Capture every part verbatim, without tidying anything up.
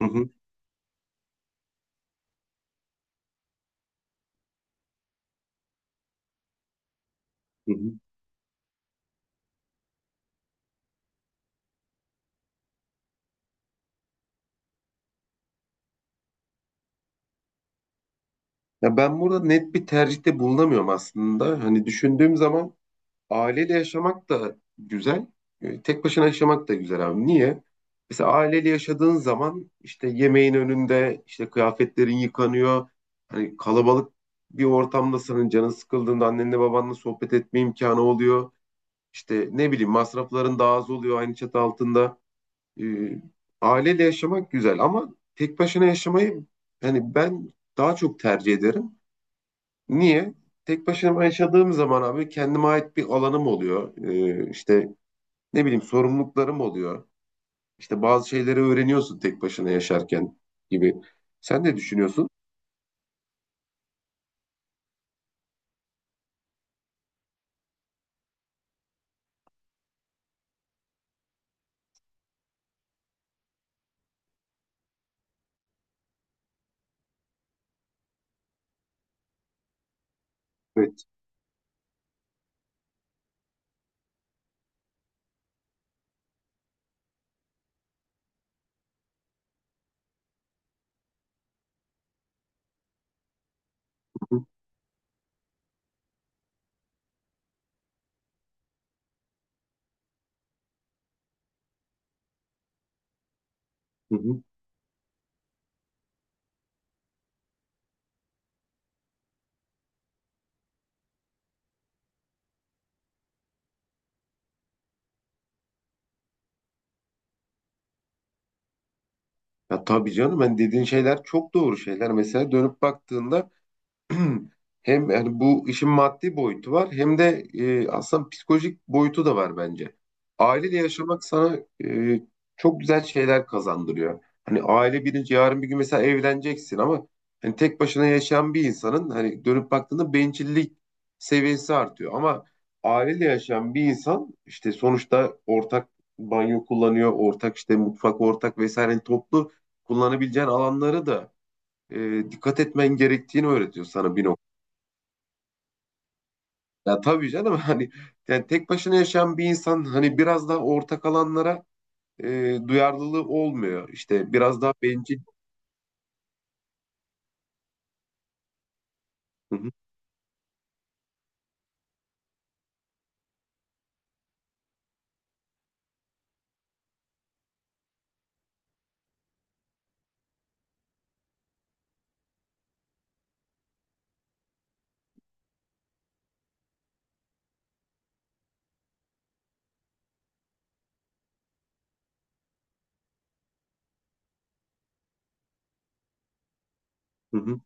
Hı hı, hı hı. Ya ben burada net bir tercihte bulunamıyorum aslında. Hani düşündüğüm zaman aileyle yaşamak da güzel, e, tek başına yaşamak da güzel abi. Niye? Mesela aileyle yaşadığın zaman işte yemeğin önünde, işte kıyafetlerin yıkanıyor. Hani kalabalık bir ortamda senin canın sıkıldığında annenle babanla sohbet etme imkanı oluyor. İşte ne bileyim masrafların daha az oluyor aynı çatı altında. E, Aileyle yaşamak güzel ama tek başına yaşamayı hani ben daha çok tercih ederim. Niye? Tek başıma yaşadığım zaman abi kendime ait bir alanım oluyor. E, işte ne bileyim sorumluluklarım oluyor. İşte bazı şeyleri öğreniyorsun tek başına yaşarken gibi. Sen ne düşünüyorsun? Evet. Hı hı. Hı hı. Ya tabii canım ben dediğin şeyler çok doğru şeyler. Mesela dönüp baktığında hem yani bu işin maddi boyutu var hem de e, aslında psikolojik boyutu da var bence. Aileyle yaşamak sana e, çok güzel şeyler kazandırıyor. Hani aile birinci yarın bir gün mesela evleneceksin ama hani tek başına yaşayan bir insanın hani dönüp baktığında bencillik seviyesi artıyor. Ama aileyle yaşayan bir insan işte sonuçta ortak banyo kullanıyor, ortak işte mutfak ortak vesaire hani toplu kullanabileceğin alanları da e, dikkat etmen gerektiğini öğretiyor sana bir noktada. Ya tabii canım hani yani tek başına yaşayan bir insan hani biraz daha ortak alanlara e, duyarlılığı olmuyor. İşte biraz daha bencil. Hı hı, hı hı.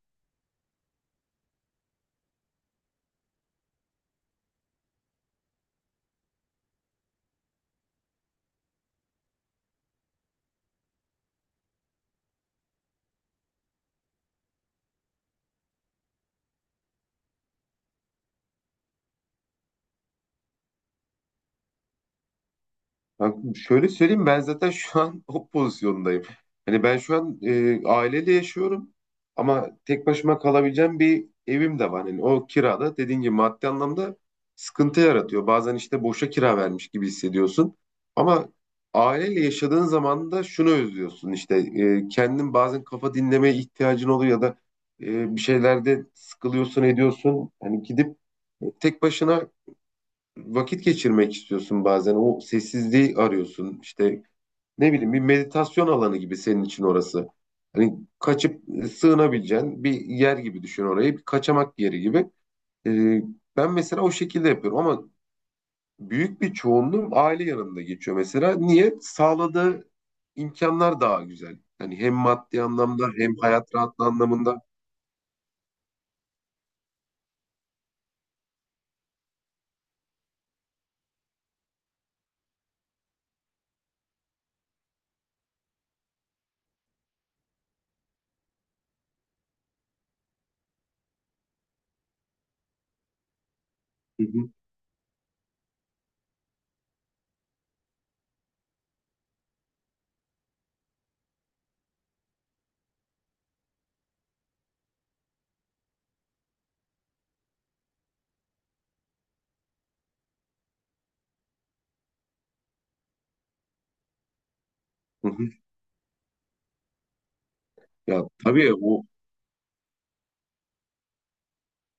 Kanka şöyle söyleyeyim ben zaten şu an o pozisyondayım. Hani ben şu an e, aileyle yaşıyorum ama tek başıma kalabileceğim bir evim de var. Hani o kirada dediğin gibi maddi anlamda sıkıntı yaratıyor. Bazen işte boşa kira vermiş gibi hissediyorsun. Ama aileyle yaşadığın zaman da şunu özlüyorsun işte e, kendin bazen kafa dinlemeye ihtiyacın oluyor ya da e, bir şeylerde sıkılıyorsun ediyorsun. Hani gidip e, tek başına vakit geçirmek istiyorsun bazen. O sessizliği arıyorsun. İşte ne bileyim bir meditasyon alanı gibi senin için orası. Hani kaçıp e, sığınabileceğin bir yer gibi düşün orayı. Bir kaçamak yeri gibi. Ee, Ben mesela o şekilde yapıyorum ama büyük bir çoğunluğum aile yanımda geçiyor mesela. Niye? Sağladığı imkanlar daha güzel. Hani hem maddi anlamda hem hayat rahatlığı anlamında. Hı hı, hı hı. Ya tabii o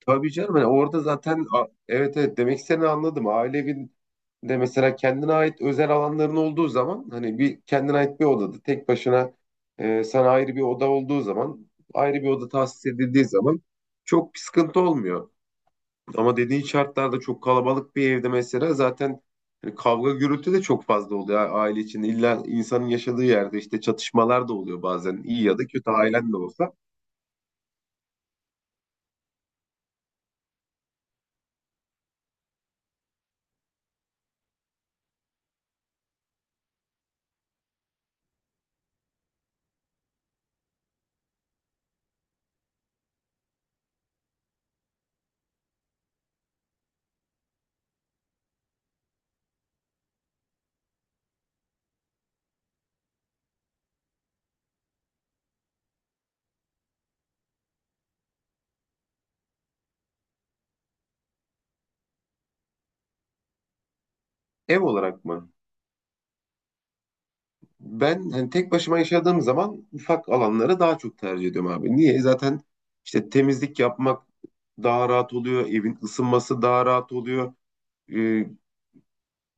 Tabii canım hani orada zaten a- evet evet demek istediğini anladım. Aile evinde mesela kendine ait özel alanların olduğu zaman hani bir kendine ait bir odada tek başına e, sana ayrı bir oda olduğu zaman ayrı bir oda tahsis edildiği zaman çok bir sıkıntı olmuyor. Ama dediğin şartlarda çok kalabalık bir evde mesela zaten hani kavga gürültü de çok fazla oluyor a- aile içinde. İlla insanın yaşadığı yerde işte çatışmalar da oluyor bazen iyi ya da kötü ailen de olsa. Ev olarak mı? Ben hani tek başıma yaşadığım zaman ufak alanları daha çok tercih ediyorum abi. Niye? Zaten işte temizlik yapmak daha rahat oluyor. Evin ısınması daha rahat oluyor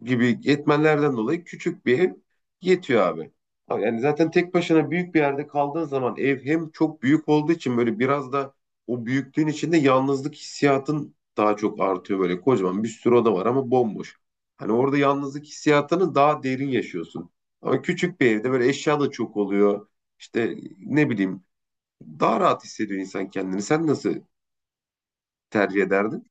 gibi etmenlerden dolayı küçük bir ev yetiyor abi. Yani zaten tek başına büyük bir yerde kaldığın zaman ev hem çok büyük olduğu için böyle biraz da o büyüklüğün içinde yalnızlık hissiyatın daha çok artıyor, böyle kocaman bir sürü oda var ama bomboş. Hani orada yalnızlık hissiyatını daha derin yaşıyorsun. Ama küçük bir evde böyle eşya da çok oluyor. İşte ne bileyim daha rahat hissediyor insan kendini. Sen nasıl tercih ederdin?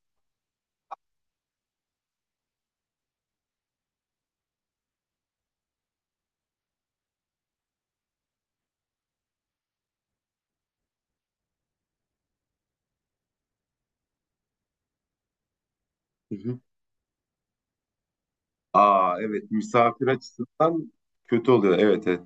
Hı hı. Aa, evet, misafir açısından kötü oluyor. Evet, evet.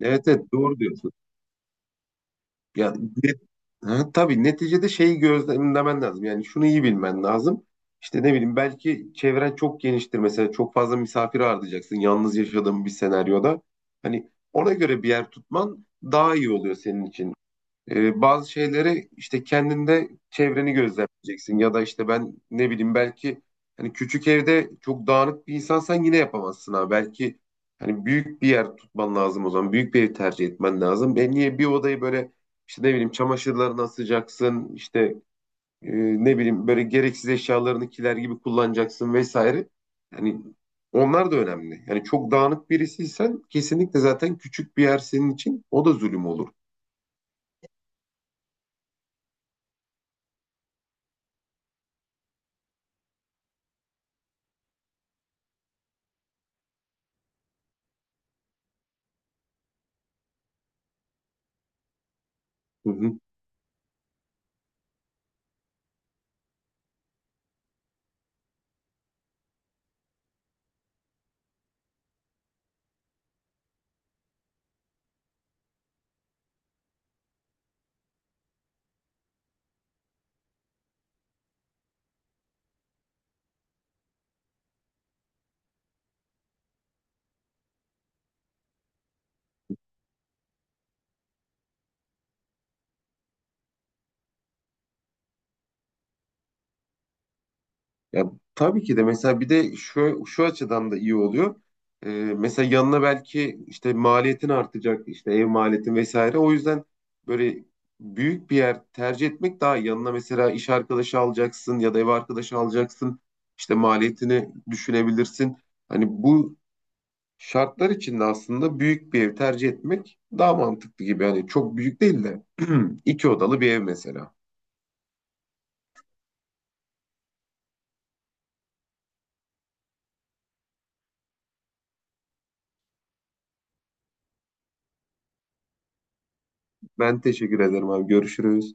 Evet, evet, doğru diyorsun. Ya net, ha, tabii neticede şeyi gözlemlemen lazım. Yani şunu iyi bilmen lazım. İşte ne bileyim belki çevren çok geniştir, mesela çok fazla misafir ağırlayacaksın yalnız yaşadığın bir senaryoda. Hani ona göre bir yer tutman daha iyi oluyor senin için. Ee, bazı şeyleri işte kendinde çevreni gözlemleyeceksin ya da işte ben ne bileyim belki hani küçük evde çok dağınık bir insansan yine yapamazsın ha. Belki hani büyük bir yer tutman lazım o zaman. Büyük bir ev tercih etmen lazım. Ben niye bir odayı böyle işte ne bileyim çamaşırlarını asacaksın, işte e, ne bileyim böyle gereksiz eşyalarını kiler gibi kullanacaksın vesaire. Yani onlar da önemli. Yani çok dağınık birisiysen kesinlikle zaten küçük bir yer senin için o da zulüm olur. Hı hı. Ya tabii ki de mesela bir de şu şu açıdan da iyi oluyor. Ee, Mesela yanına belki işte maliyetin artacak, işte ev maliyetin vesaire. O yüzden böyle büyük bir yer tercih etmek daha iyi. Yanına mesela iş arkadaşı alacaksın ya da ev arkadaşı alacaksın. İşte maliyetini düşünebilirsin. Hani bu şartlar içinde aslında büyük bir ev tercih etmek daha mantıklı gibi. Yani çok büyük değil de iki odalı bir ev mesela. Ben teşekkür ederim abi. Görüşürüz.